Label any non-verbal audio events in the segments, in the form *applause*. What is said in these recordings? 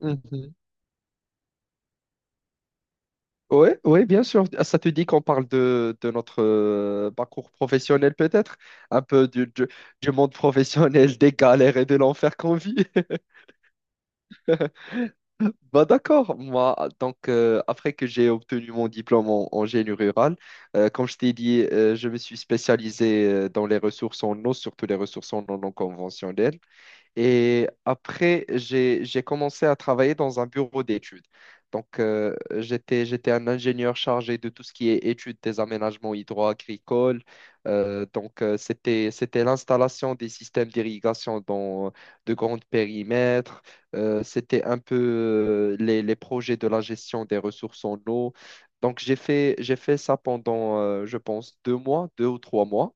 Mhm. Ouais, ouais, bien sûr. Ah, ça te dit qu'on parle de notre parcours professionnel peut-être, un peu du monde professionnel, *laughs* des galères et de l'enfer qu'on vit. *laughs* D'accord, moi, donc après que j'ai obtenu mon diplôme en génie rural, comme je t'ai dit, je me suis spécialisé dans les ressources en eau, surtout les ressources en eau non conventionnelles. Et après, j'ai commencé à travailler dans un bureau d'études. Donc, j'étais un ingénieur chargé de tout ce qui est études des aménagements hydro-agricoles. Donc, c'était l'installation des systèmes d'irrigation dans de grands périmètres. C'était un peu les projets de la gestion des ressources en eau. Donc, j'ai fait ça pendant, je pense, deux mois, deux ou trois mois.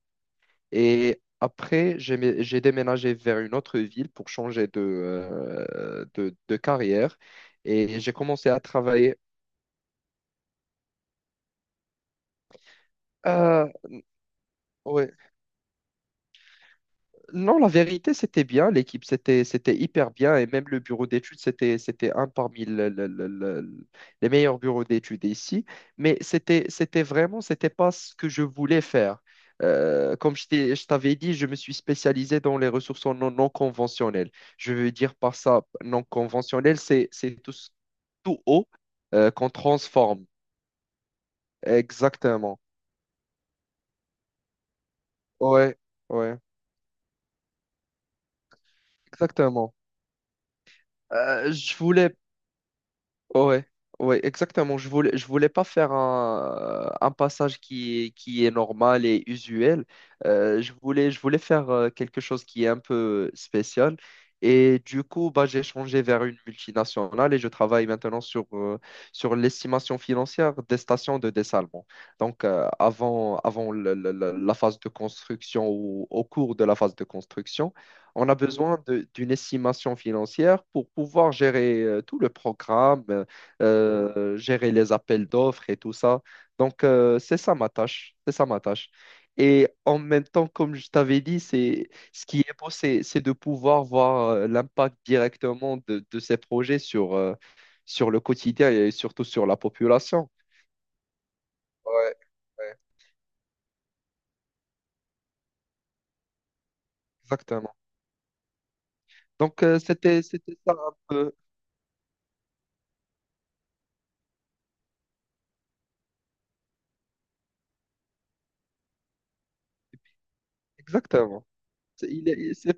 Et après, j'ai déménagé vers une autre ville pour changer de carrière et j'ai commencé à travailler. Ah, ouais, non, la vérité, c'était bien. L'équipe, c'était hyper bien. Et même le bureau d'études, c'était un parmi les meilleurs bureaux d'études ici. Mais c'était vraiment, c'était pas ce que je voulais faire. Je t'avais dit, je me suis spécialisé dans les ressources non conventionnelles. Je veux dire par ça, non conventionnel, c'est tout, tout haut qu'on transforme. Exactement. Ouais, ouais, exactement. Euh, je voulais Ouais, ouais, exactement. Je voulais pas faire un passage qui est normal et usuel. Je voulais faire quelque chose qui est un peu spécial. Et du coup, bah, j'ai changé vers une multinationale et je travaille maintenant sur l'estimation financière des stations de dessalement. Donc, avant la phase de construction ou au cours de la phase de construction, on a besoin d'une estimation financière pour pouvoir gérer tout le programme, gérer les appels d'offres et tout ça. Donc, c'est ça ma tâche, c'est ça ma tâche. Et en même temps, comme je t'avais dit, c'est ce qui est beau, c'est de pouvoir voir l'impact directement de ces projets sur, sur le quotidien et surtout sur la population. Ouais, ouais, exactement. Donc, c'était ça un peu. Exactement. C'est il est- c'est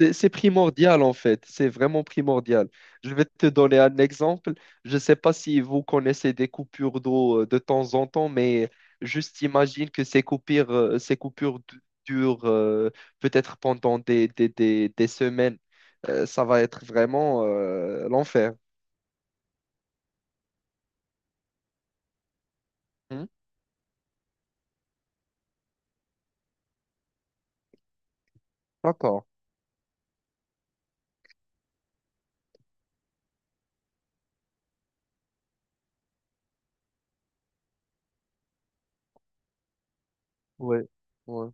C'est primordial en fait, c'est vraiment primordial. Je vais te donner un exemple. Je ne sais pas si vous connaissez des coupures d'eau de temps en temps, mais juste imagine que ces coupures durent peut-être pendant des semaines. Ça va être vraiment l'enfer. Hmm. D'accord. Oui, oui.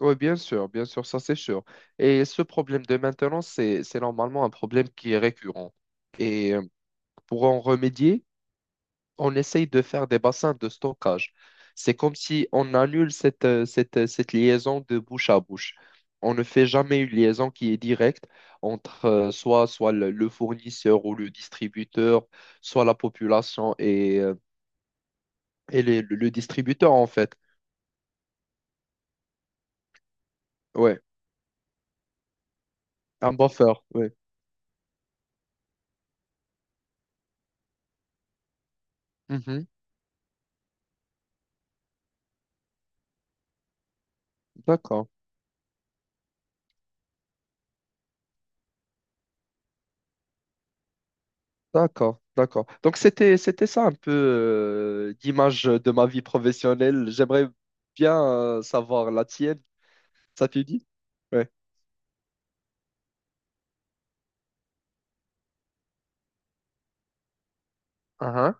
Oui, bien sûr, ça c'est sûr. Et ce problème de maintenance, c'est normalement un problème qui est récurrent. Et pour en remédier, on essaye de faire des bassins de stockage. C'est comme si on annule cette liaison de bouche à bouche. On ne fait jamais une liaison qui est directe entre soit le fournisseur ou le distributeur, soit la population et, le distributeur, en fait. Ouais, un buffer, ouais. Mhm. D'accord, d'accord. Donc, c'était ça un peu l'image de ma vie professionnelle. J'aimerais bien savoir la tienne, ça te dit? Ouais. Ah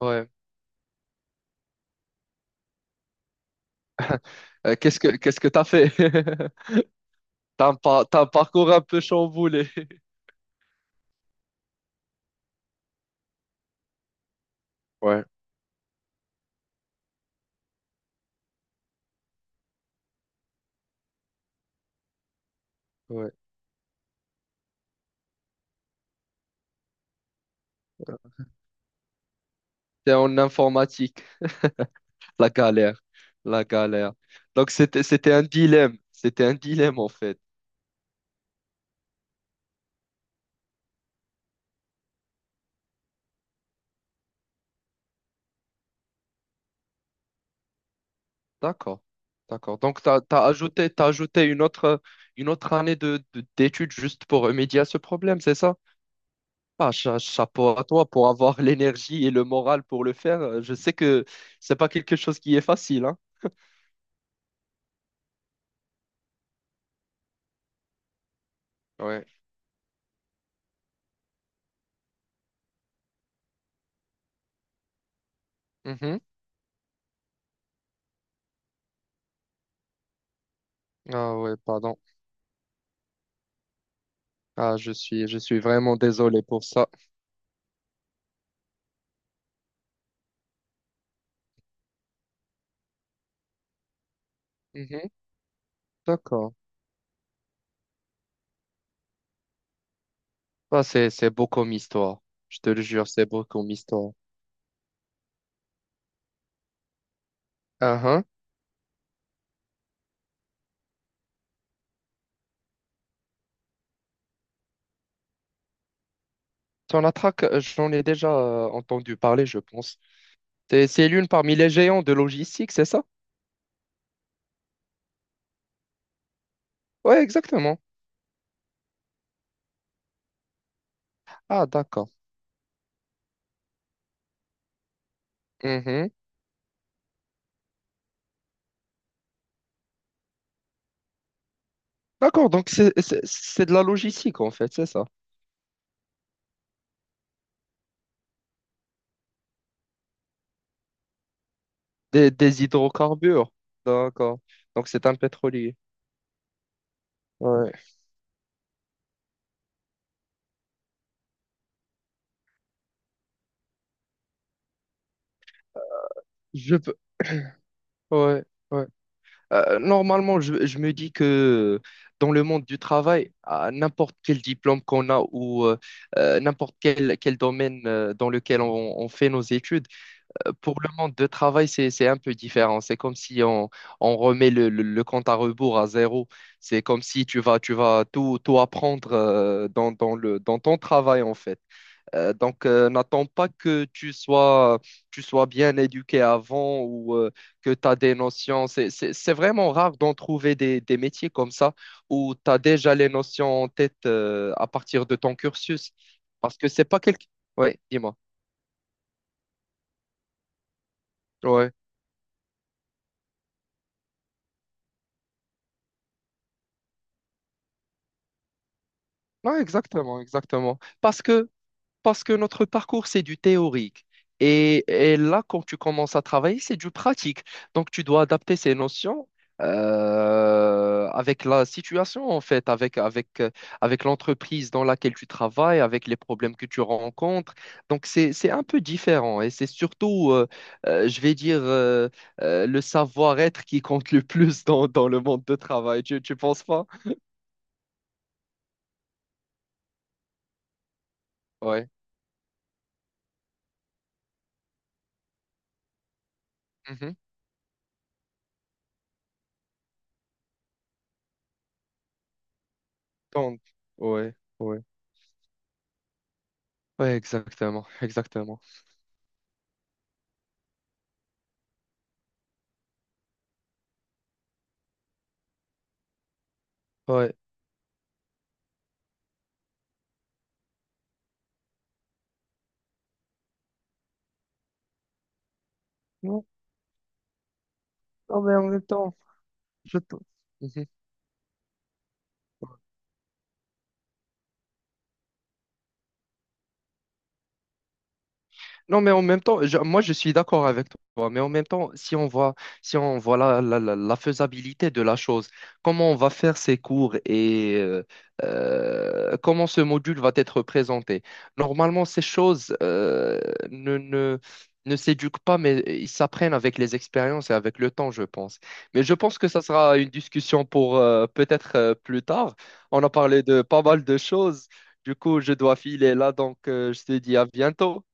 ouais. Qu'est-ce que t'as fait? *laughs* T'as t'as un parcours un peu chamboulé. Ouais. Ouais. T'es en informatique. La galère. La galère. Donc c'était un dilemme. C'était un dilemme en fait. D'accord. D'accord. Donc t'as ajouté une autre année d'études juste pour remédier à ce problème, c'est ça? Ah, chapeau à toi pour avoir *laughs* l'énergie et le moral pour le faire. Je sais que c'est pas quelque chose qui est facile, hein. Ouais. Mhm. Ah ouais, pardon. Ah, je suis vraiment désolé pour ça. Mhm. D'accord. Ah, c'est beau comme histoire. Je te le jure, c'est beau comme histoire. Ah uh. Ton attaque, j'en ai déjà entendu parler, je pense. C'est l'une parmi les géants de logistique, c'est ça? Ouais, exactement. Ah, d'accord. Mhm. D'accord, donc c'est de la logistique, en fait, c'est ça. Des hydrocarbures. D'accord. Donc c'est un pétrolier. Ouais. Je peux. Ouais, ouais. Normalement, je me dis que dans le monde du travail, à n'importe quel diplôme qu'on a ou n'importe quel domaine dans lequel on fait nos études, pour le monde de travail, c'est un peu différent. C'est comme si on remet le compte à rebours à zéro. C'est comme si tu vas tout apprendre dans ton travail, en fait. Donc, n'attends pas que tu sois bien éduqué avant ou que tu as des notions. C'est vraiment rare d'en trouver des métiers comme ça où tu as déjà les notions en tête à partir de ton cursus. Parce que c'est pas quelque... Oui, dis-moi. Ouais. Non, exactement, exactement. Parce que notre parcours, c'est du théorique. Et là, quand tu commences à travailler, c'est du pratique. Donc, tu dois adapter ces notions avec la situation, en fait, avec l'entreprise dans laquelle tu travailles, avec les problèmes que tu rencontres. Donc, c'est un peu différent. Et c'est surtout, je vais dire, le savoir-être qui compte le plus *laughs* dans le monde de travail. Tu penses pas? Ouais. Mhm. Donc, ouais, ouais. Ouais, exactement, exactement. Ouais. Non, non, mais en même temps, je, t- Mhm. Non, mais en même temps, moi je suis d'accord avec toi, mais en même temps, si on voit la faisabilité de la chose, comment on va faire ces cours et comment ce module va être présenté. Normalement, ces choses ne, ne, ne s'éduquent pas, mais ils s'apprennent avec les expériences et avec le temps, je pense. Mais je pense que ça sera une discussion pour peut-être plus tard. On a parlé de pas mal de choses. Du coup, je dois filer là, donc je te dis à bientôt.